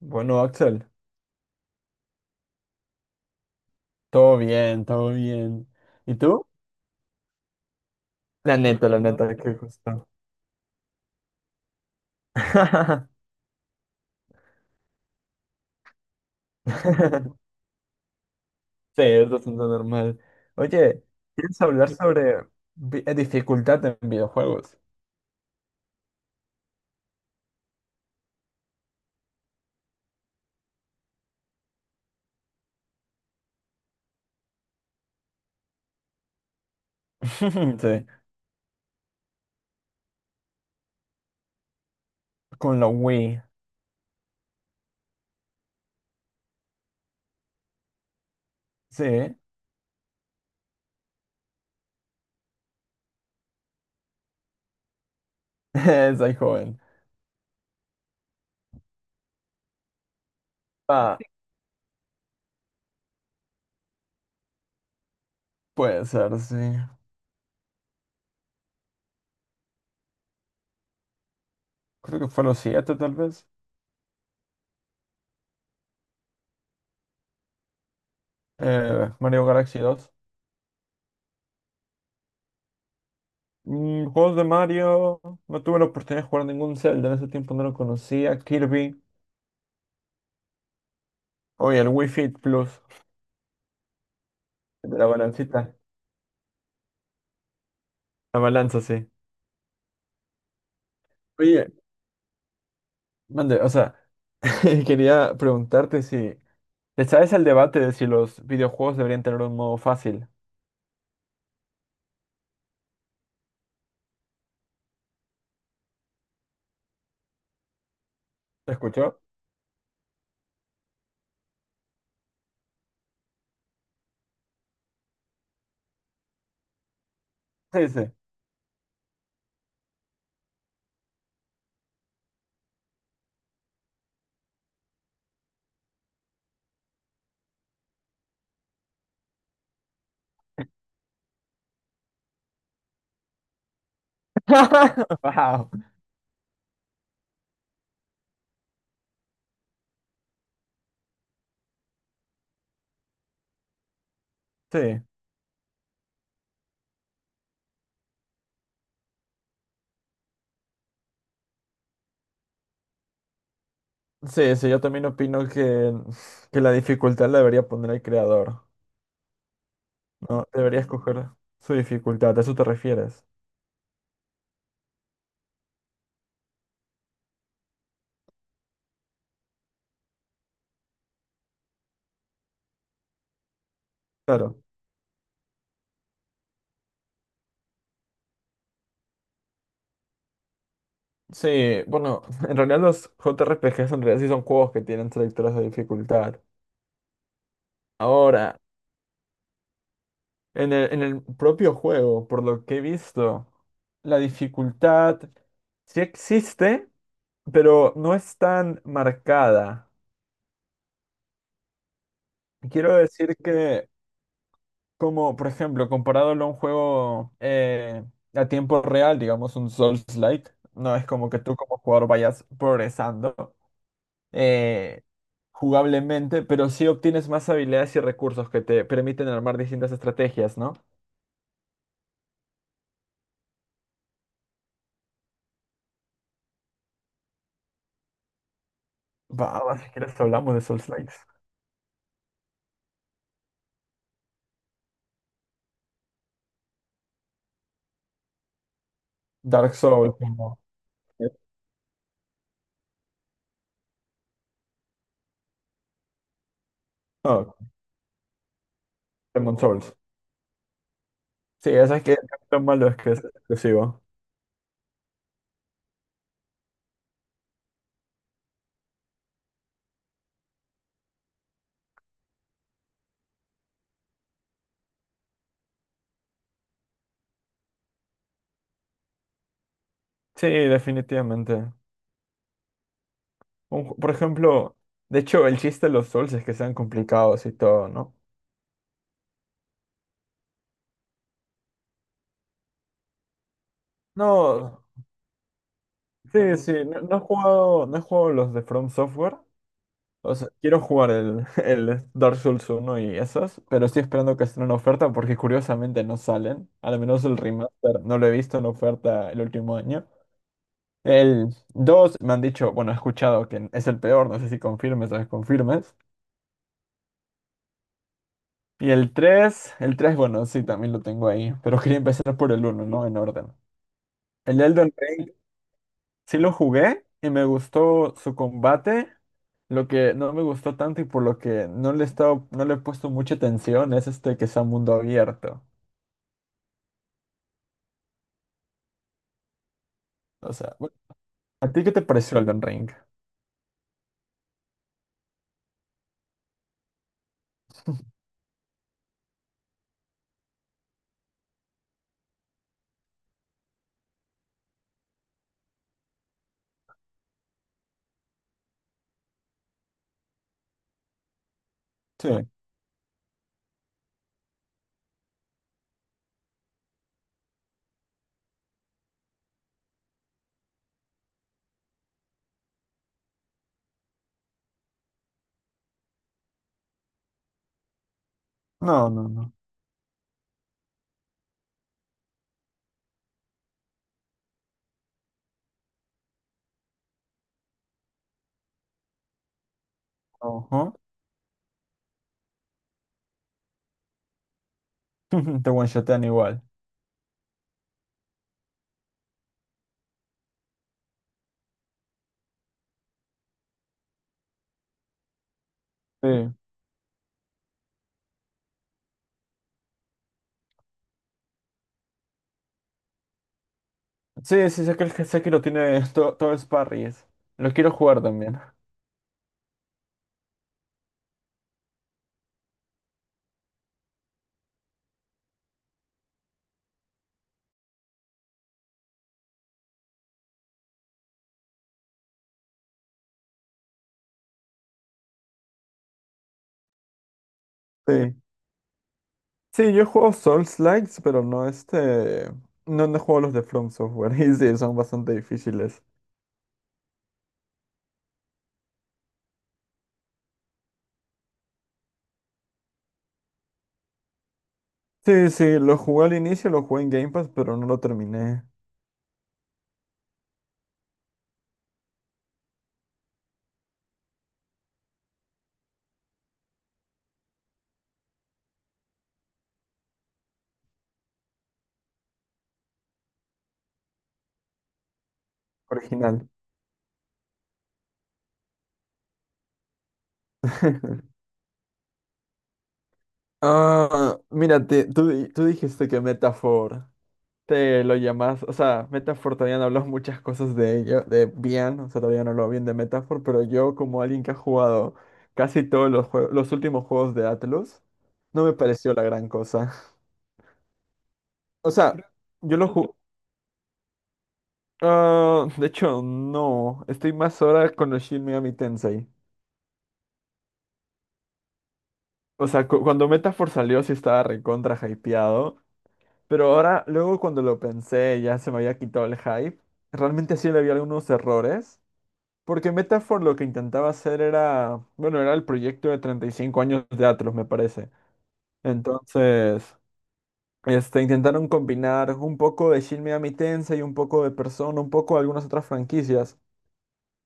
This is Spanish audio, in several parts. Bueno, Axel, todo bien, todo bien. ¿Y tú? La neta, qué justo. Sí, es bastante normal. Oye, ¿quieres hablar sobre dificultad en videojuegos? Sí, con la Wii. Sí, soy joven. Ah, puede ser, sí. Creo que fue los siete tal vez. Mario Galaxy dos, juegos de Mario. No tuve la oportunidad de jugar ningún Zelda. En ese tiempo no lo conocía. Kirby. Oye, el Wii Fit Plus. De la balancita. La balanza, sí. Oye, mande, o sea, quería preguntarte si le sabes el debate de si los videojuegos deberían tener un modo fácil. ¿Te escuchó? Sí, sí. Wow. Sí, sí, sí, yo también opino que la dificultad la debería poner el creador, ¿no? Debería escoger su dificultad, ¿a eso te refieres? Claro. Sí, bueno, en realidad los JRPGs en realidad sí son juegos que tienen selectores de dificultad. Ahora, en el propio juego, por lo que he visto, la dificultad sí existe, pero no es tan marcada. Quiero decir que, como por ejemplo, comparándolo a un juego a tiempo real, digamos un Souls-like, no es como que tú como jugador vayas progresando eh, jugablemente, pero sí obtienes más habilidades y recursos que te permiten armar distintas estrategias, ¿no? Va, va, si quieres hablamos de Souls-likes. Dark Souls, como. No, Demon Souls. Sí, esa es que lo malo es que es exclusivo. Sí, definitivamente. Por ejemplo, de hecho, el chiste de los Souls es que sean complicados y todo, ¿no? No, sí, sí, no, no he jugado los de From Software. O sea, quiero jugar el, el Dark Souls uno y esos, pero estoy esperando que estén en oferta porque curiosamente no salen. Al menos el remaster no lo he visto en oferta el último año. El 2 me han dicho, bueno, he escuchado que es el peor, no sé si confirmes o desconfirmes. Y el 3 bueno, sí, también lo tengo ahí, pero quería empezar por el uno, ¿no? En orden. El Elden Ring sí lo jugué y me gustó su combate. Lo que no me gustó tanto y por lo que no le he puesto mucha atención es este que sea mundo abierto. O sea, ¿A ti qué te pareció Elden Ring? Sí. No, no, no. Ajá. Te one-shotean igual. Sí. Sí, sí, sé que lo tiene todo, todo es parries. Lo quiero jugar también. Sí. Sí, yo juego Souls-likes, pero no este. No, no juego los de From Software. Y sí, son bastante difíciles. Sí, sí, lo jugué al inicio, lo jugué en Game Pass, pero no lo terminé original. Ah, mira, tú dijiste que Metaphor. Te lo llamas, o sea, Metaphor todavía no habló muchas cosas de ello, de bien, o sea, todavía no habló bien de Metaphor, pero yo como alguien que ha jugado casi todos los juegos, los últimos juegos de Atlus, no me pareció la gran cosa. O sea, yo lo jugué, ah, de hecho, no, estoy más ahora con los Shin Megami Tensei. O sea, cuando Metaphor salió sí estaba recontra hypeado, pero ahora, luego cuando lo pensé, ya se me había quitado el hype, realmente sí le había algunos errores. Porque Metaphor lo que intentaba hacer era, bueno, era el proyecto de 35 años de Atlus, me parece. Entonces, este, intentaron combinar un poco de Shin Megami Tensei y un poco de Persona, un poco de algunas otras franquicias.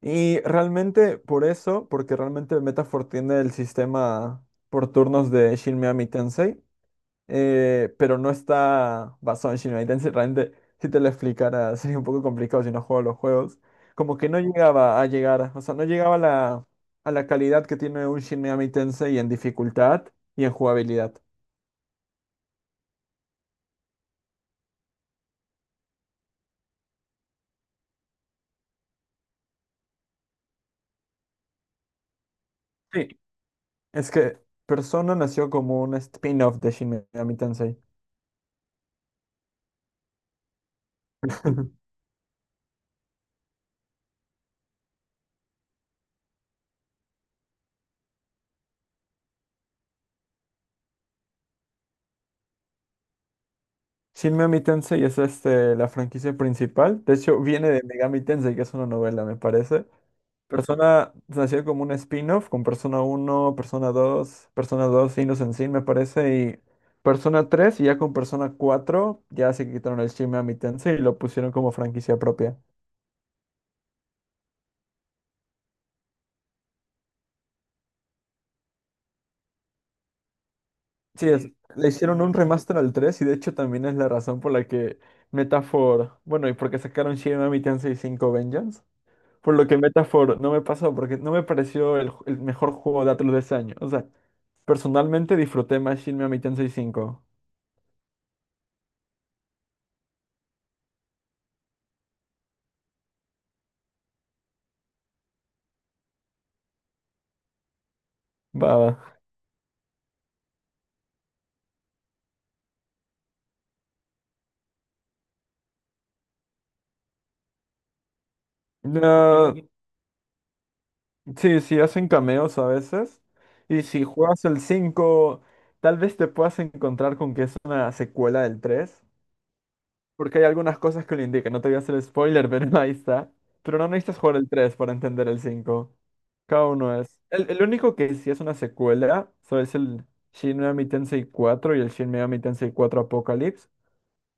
Y realmente por eso, porque realmente Metaphor tiene el sistema por turnos de Shin Megami Tensei, pero no está basado en Shin Megami Tensei. Realmente, si te lo explicara, sería un poco complicado si no juego los juegos. Como que no llegaba a llegar, o sea, no llegaba a la calidad que tiene un Shin Megami Tensei en dificultad y en jugabilidad. Sí, es que Persona nació como un spin-off de Shin Megami Tensei. Shin Megami Tensei es este, la franquicia principal. De hecho, viene de Megami Tensei, que es una novela, me parece. Persona nació como un spin-off con Persona uno, Persona 2, Persona 2, Innocent Sin, me parece, y Persona 3 y ya con Persona 4 ya se quitaron el Shin Megami Tensei y lo pusieron como franquicia propia. Sí, le hicieron un remaster al 3 y de hecho también es la razón por la que Metaphor, bueno, y porque sacaron Shin Megami Tensei 5 Vengeance, por lo que Metaphor no me pasó, porque no me pareció el mejor juego de Atlus de ese año. O sea, personalmente disfruté más Shin Megami Tensei 5. Va, va. No. Sí, sí, hacen cameos a veces. Y si juegas el 5, tal vez te puedas encontrar con que es una secuela del 3, porque hay algunas cosas que lo indican. No te voy a hacer spoiler, pero ahí está. Pero no necesitas jugar el 3 para entender el 5. Cada uno es. El único que sí es una secuela, so, es el Shin Megami Tensei 4 y el Shin Megami Tensei 4 Apocalypse.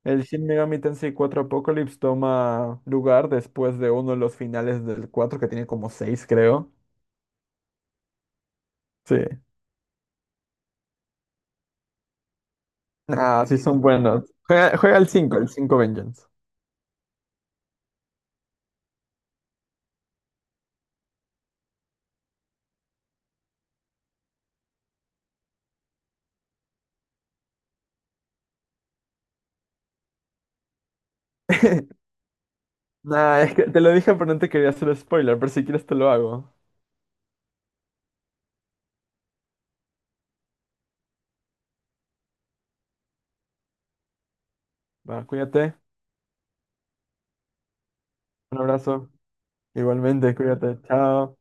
El Shin Megami Tensei 4 Apocalypse toma lugar después de uno de los finales del 4 que tiene como 6, creo. Sí. Ah, sí son buenos. Juega, juega el 5 Vengeance. Nah, es que te lo dije, pero no te quería hacer spoiler, pero si quieres te lo hago. Va, cuídate. Un abrazo. Igualmente, cuídate. Chao.